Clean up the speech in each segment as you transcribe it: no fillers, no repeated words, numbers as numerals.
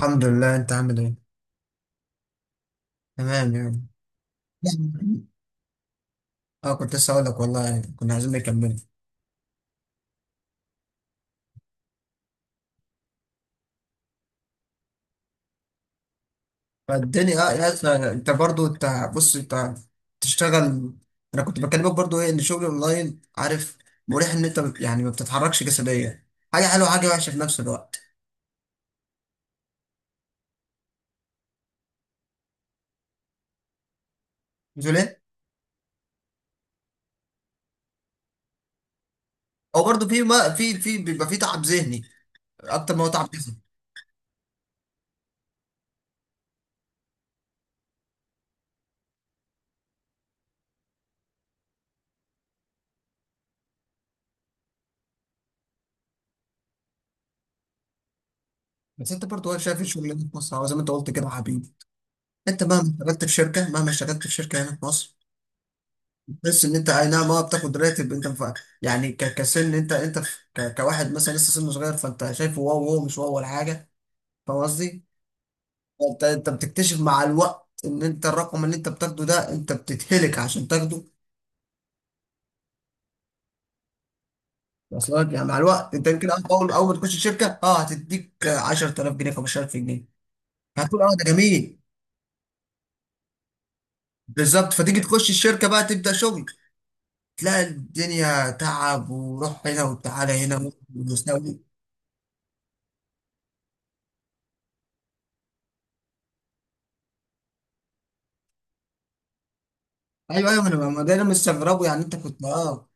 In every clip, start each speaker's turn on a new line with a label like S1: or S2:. S1: الحمد لله. انت عامل ايه؟ تمام يعني. يعني- اه كنت لسه اقول لك والله يعني كنا عايزين نكمل. فالدنيا يا أخي، انت برضو انت بص انت تشتغل. انا كنت بكلمك برضو ايه ان شغل اونلاين عارف، مريح ان انت يعني ما بتتحركش جسديا. حاجه حلوه وحاجه وحشه في نفس الوقت. مش ليه. او برضو في ما في بيبقى في تعب ذهني اكتر ما هو تعب جسدي. بس انت برضو شايف الشغل اللي في مصر هو زي ما انت قلت كده يا حبيبي. انت مهما اشتغلت في شركه مهما اشتغلت في شركه هنا في مصر، تحس ان انت اي نعم بتاخد راتب. انت ف... يعني ك... كسن انت انت ف... ك... كواحد مثلا لسه سنه صغير، فانت شايفه واو واو مش واو ولا حاجه. فاهم قصدي؟ انت بتكتشف مع الوقت ان انت الرقم اللي انت بتاخده ده، انت بتتهلك عشان تاخده. اصلا يعني مع الوقت، انت يمكن اول اول أول ما تخش الشركه هتديك 10000 جنيه 15000 جنيه، هتقول ده جميل. بالظبط. فتيجي تخش الشركه بقى تبدا شغل، تلاقي الدنيا تعب وروح هنا وتعالى هنا. ومساوي. ايوه ايوه، ما انا ما ده انا مستغربه يعني، انت كنت اه.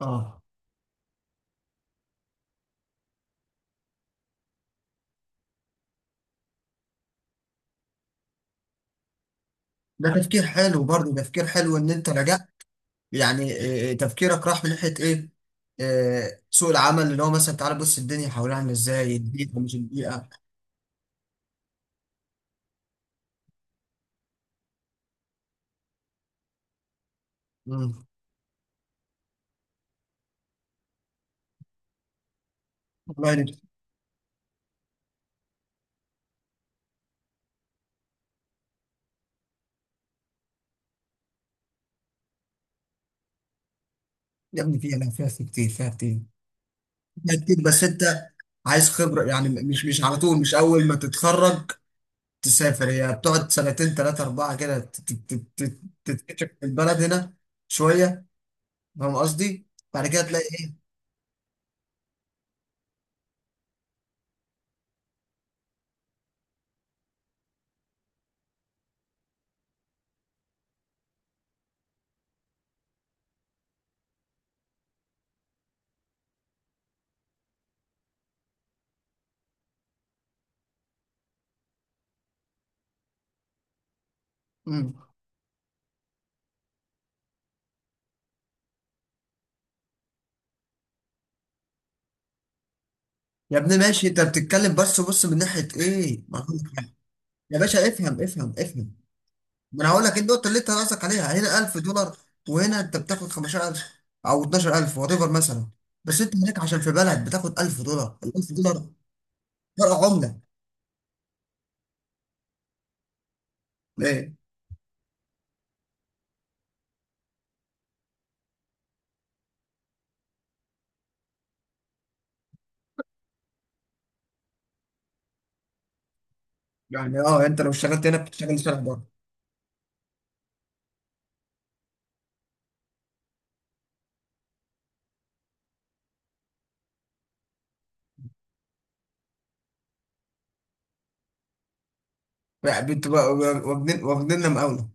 S1: اه، ده تفكير حلو، برضه تفكير حلو ان انت رجعت يعني. آه، آه، تفكيرك راح من ناحيه ايه. آه، سوق العمل اللي هو مثلا، تعالى بص الدنيا حوالينا عامله ازاي، البيئه مش البيئه. مم. والله يا. يا ابني فيها، لا فيها في كتير فيها كتير فيها كتير. بس انت عايز خبره يعني، مش على طول مش اول ما تتخرج تسافر. هي بتقعد سنتين ثلاثه اربعه كده تتكتشف في البلد هنا شويه. فاهم قصدي؟ بعد كده تلاقي ايه؟ مم. يا ابني ماشي، انت بتتكلم بس بص من ناحيه ايه، ما هو- يا باشا افهم افهم افهم. ما انا هقول لك ايه النقطه اللي انت قصدك عليها. هنا 1000 دولار، وهنا انت بتاخد 15000 او 12000 وات ايفر مثلا. بس انت هناك عشان في بلد بتاخد 1000 دولار، ال 1000 دولار فرق عمله. ايه يعني انت لو اشتغلت هنا بتشتغل شهر بره. يعني بتبقى واخدين واخديننا مقاوله.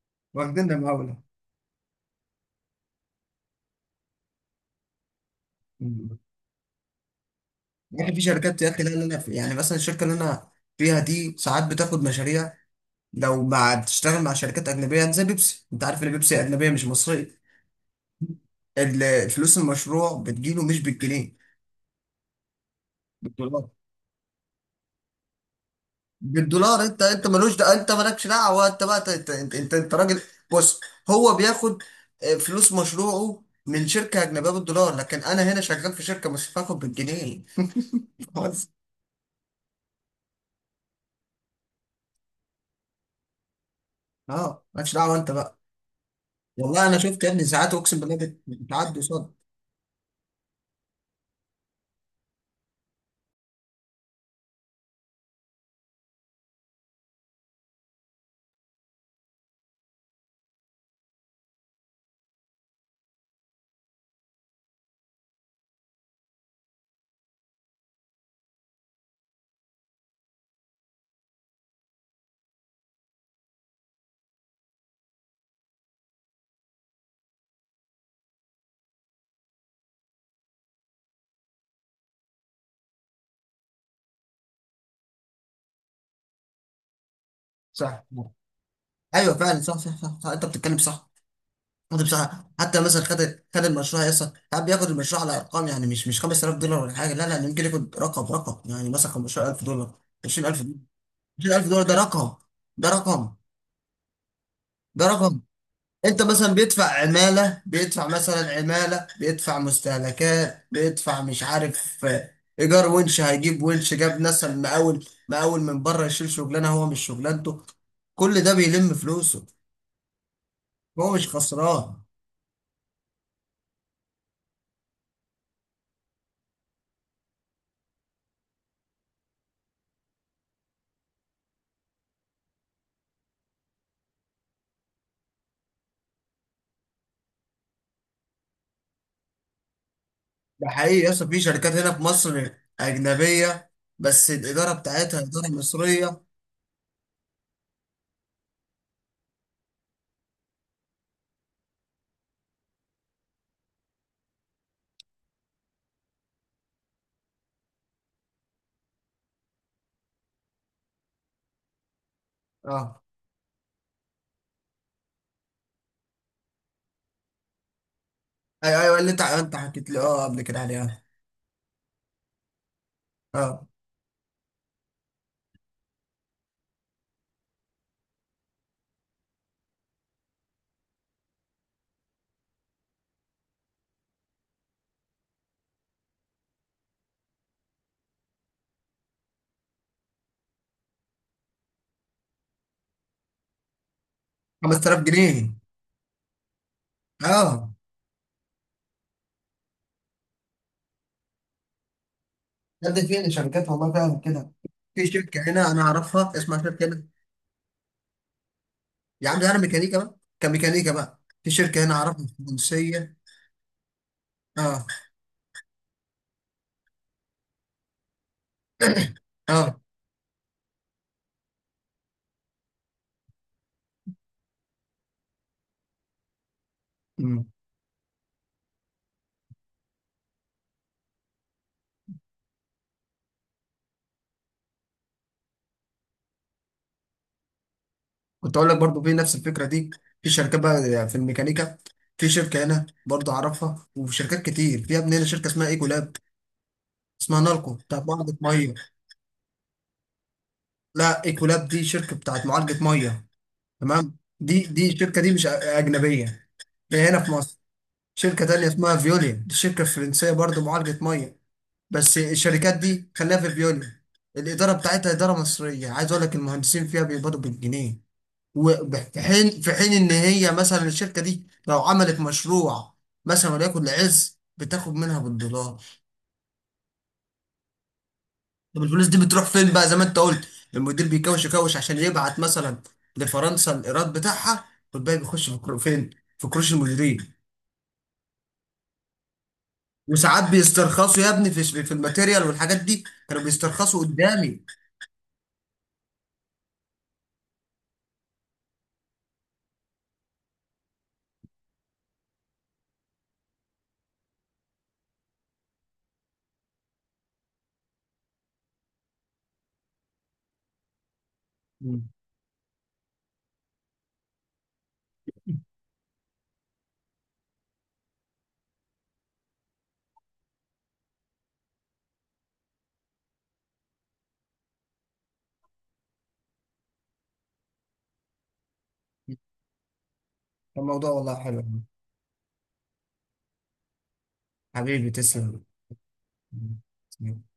S1: واخديننا مقاوله. مم. يعني في شركات يا اخي، لا لا لا، يعني مثلا الشركه اللي انا فيها دي ساعات بتاخد مشاريع. لو مع بتشتغل مع شركات أجنبية زي بيبسي، أنت عارف إن بيبسي أجنبية مش مصرية. الفلوس المشروع بتجيله مش بالجنيه، بالدولار. بالدولار. أنت ملوش ده، أنت مالكش دعوة. أنت بقى أنت راجل. بص، هو بياخد فلوس مشروعه من شركة أجنبية بالدولار، لكن أنا هنا شغال في شركة مش هاخد بالجنيه. بس. أه، مالكش دعوة أنت بقى. والله أنا شفت يا ابني ساعات، أقسم بالله، بتعدي صد. صح. أيوه فعلا، صح صح صح, صح. أنت بتتكلم صح. خد بسرعه. حتى مثلا خد، خد المشروع يا اسطى ساعات بياخد المشروع على ارقام. يعني مش 5000 دولار ولا حاجه، لا لا، ممكن ياخد رقم رقم يعني مثلا 15000 دولار، 20000 دولار. 20000 دولار ده رقم. ده رقم. ده رقم. انت مثلا بيدفع عماله، بيدفع مثلا عماله، بيدفع مستهلكات، بيدفع مش عارف ايجار، ونش هيجيب ونش جاب مثلا مقاول مقاول من بره يشيل شغلانه هو مش شغلانته. كل ده بيلم فلوسه. هو مش خسران. ده حقيقي يا اسطى، في شركات هنا في مصر أجنبية بس الإدارة بتاعتها إدارة مصرية. اه. أيوه أيوه، اللي أنت حكيت لي قبل كده عليها. أه. 5000 جنيه. أه. ده فين شركات، والله فعلا كده. في شركة هنا أنا أعرفها، اسمها شركة هنا. يا عم ده أنا ميكانيكا بقى كميكانيكا بقى، في شركة هنا أعرفها، في تونسية. أه. أه. أمم. كنت أقول لك برضو في نفس الفكرة دي. في شركات بقى في الميكانيكا، في شركة هنا برضو أعرفها، وفي شركات كتير في يا ابني هنا، شركة اسمها إيكولاب، اسمها نالكو بتاعت معالجة مية. لا، ايكولاب دي شركة بتاعت معالجة مية. تمام. دي الشركة دي مش أجنبية. دي هنا في مصر. شركة تانية اسمها فيوليا، دي شركة فرنسية برضو معالجة مية. بس الشركات دي خليها في فيوليا. الإدارة بتاعتها إدارة مصرية. عايز أقول لك المهندسين فيها بيقبضوا بالجنيه، وفي حين إن هي مثلا الشركة دي لو عملت مشروع مثلا، وليكن لعز، بتاخد منها بالدولار. طب الفلوس دي بتروح فين بقى زي ما انت قلت؟ المدير بيكوش يكوش عشان يبعت مثلا لفرنسا الايراد بتاعها، والباقي بيخش في فين، في كروش المديرين. وساعات بيسترخصوا يا ابني في الماتيريال والحاجات دي، كانوا بيسترخصوا قدامي. مم. الموضوع والله حلو. حبيبي تسلم. مم.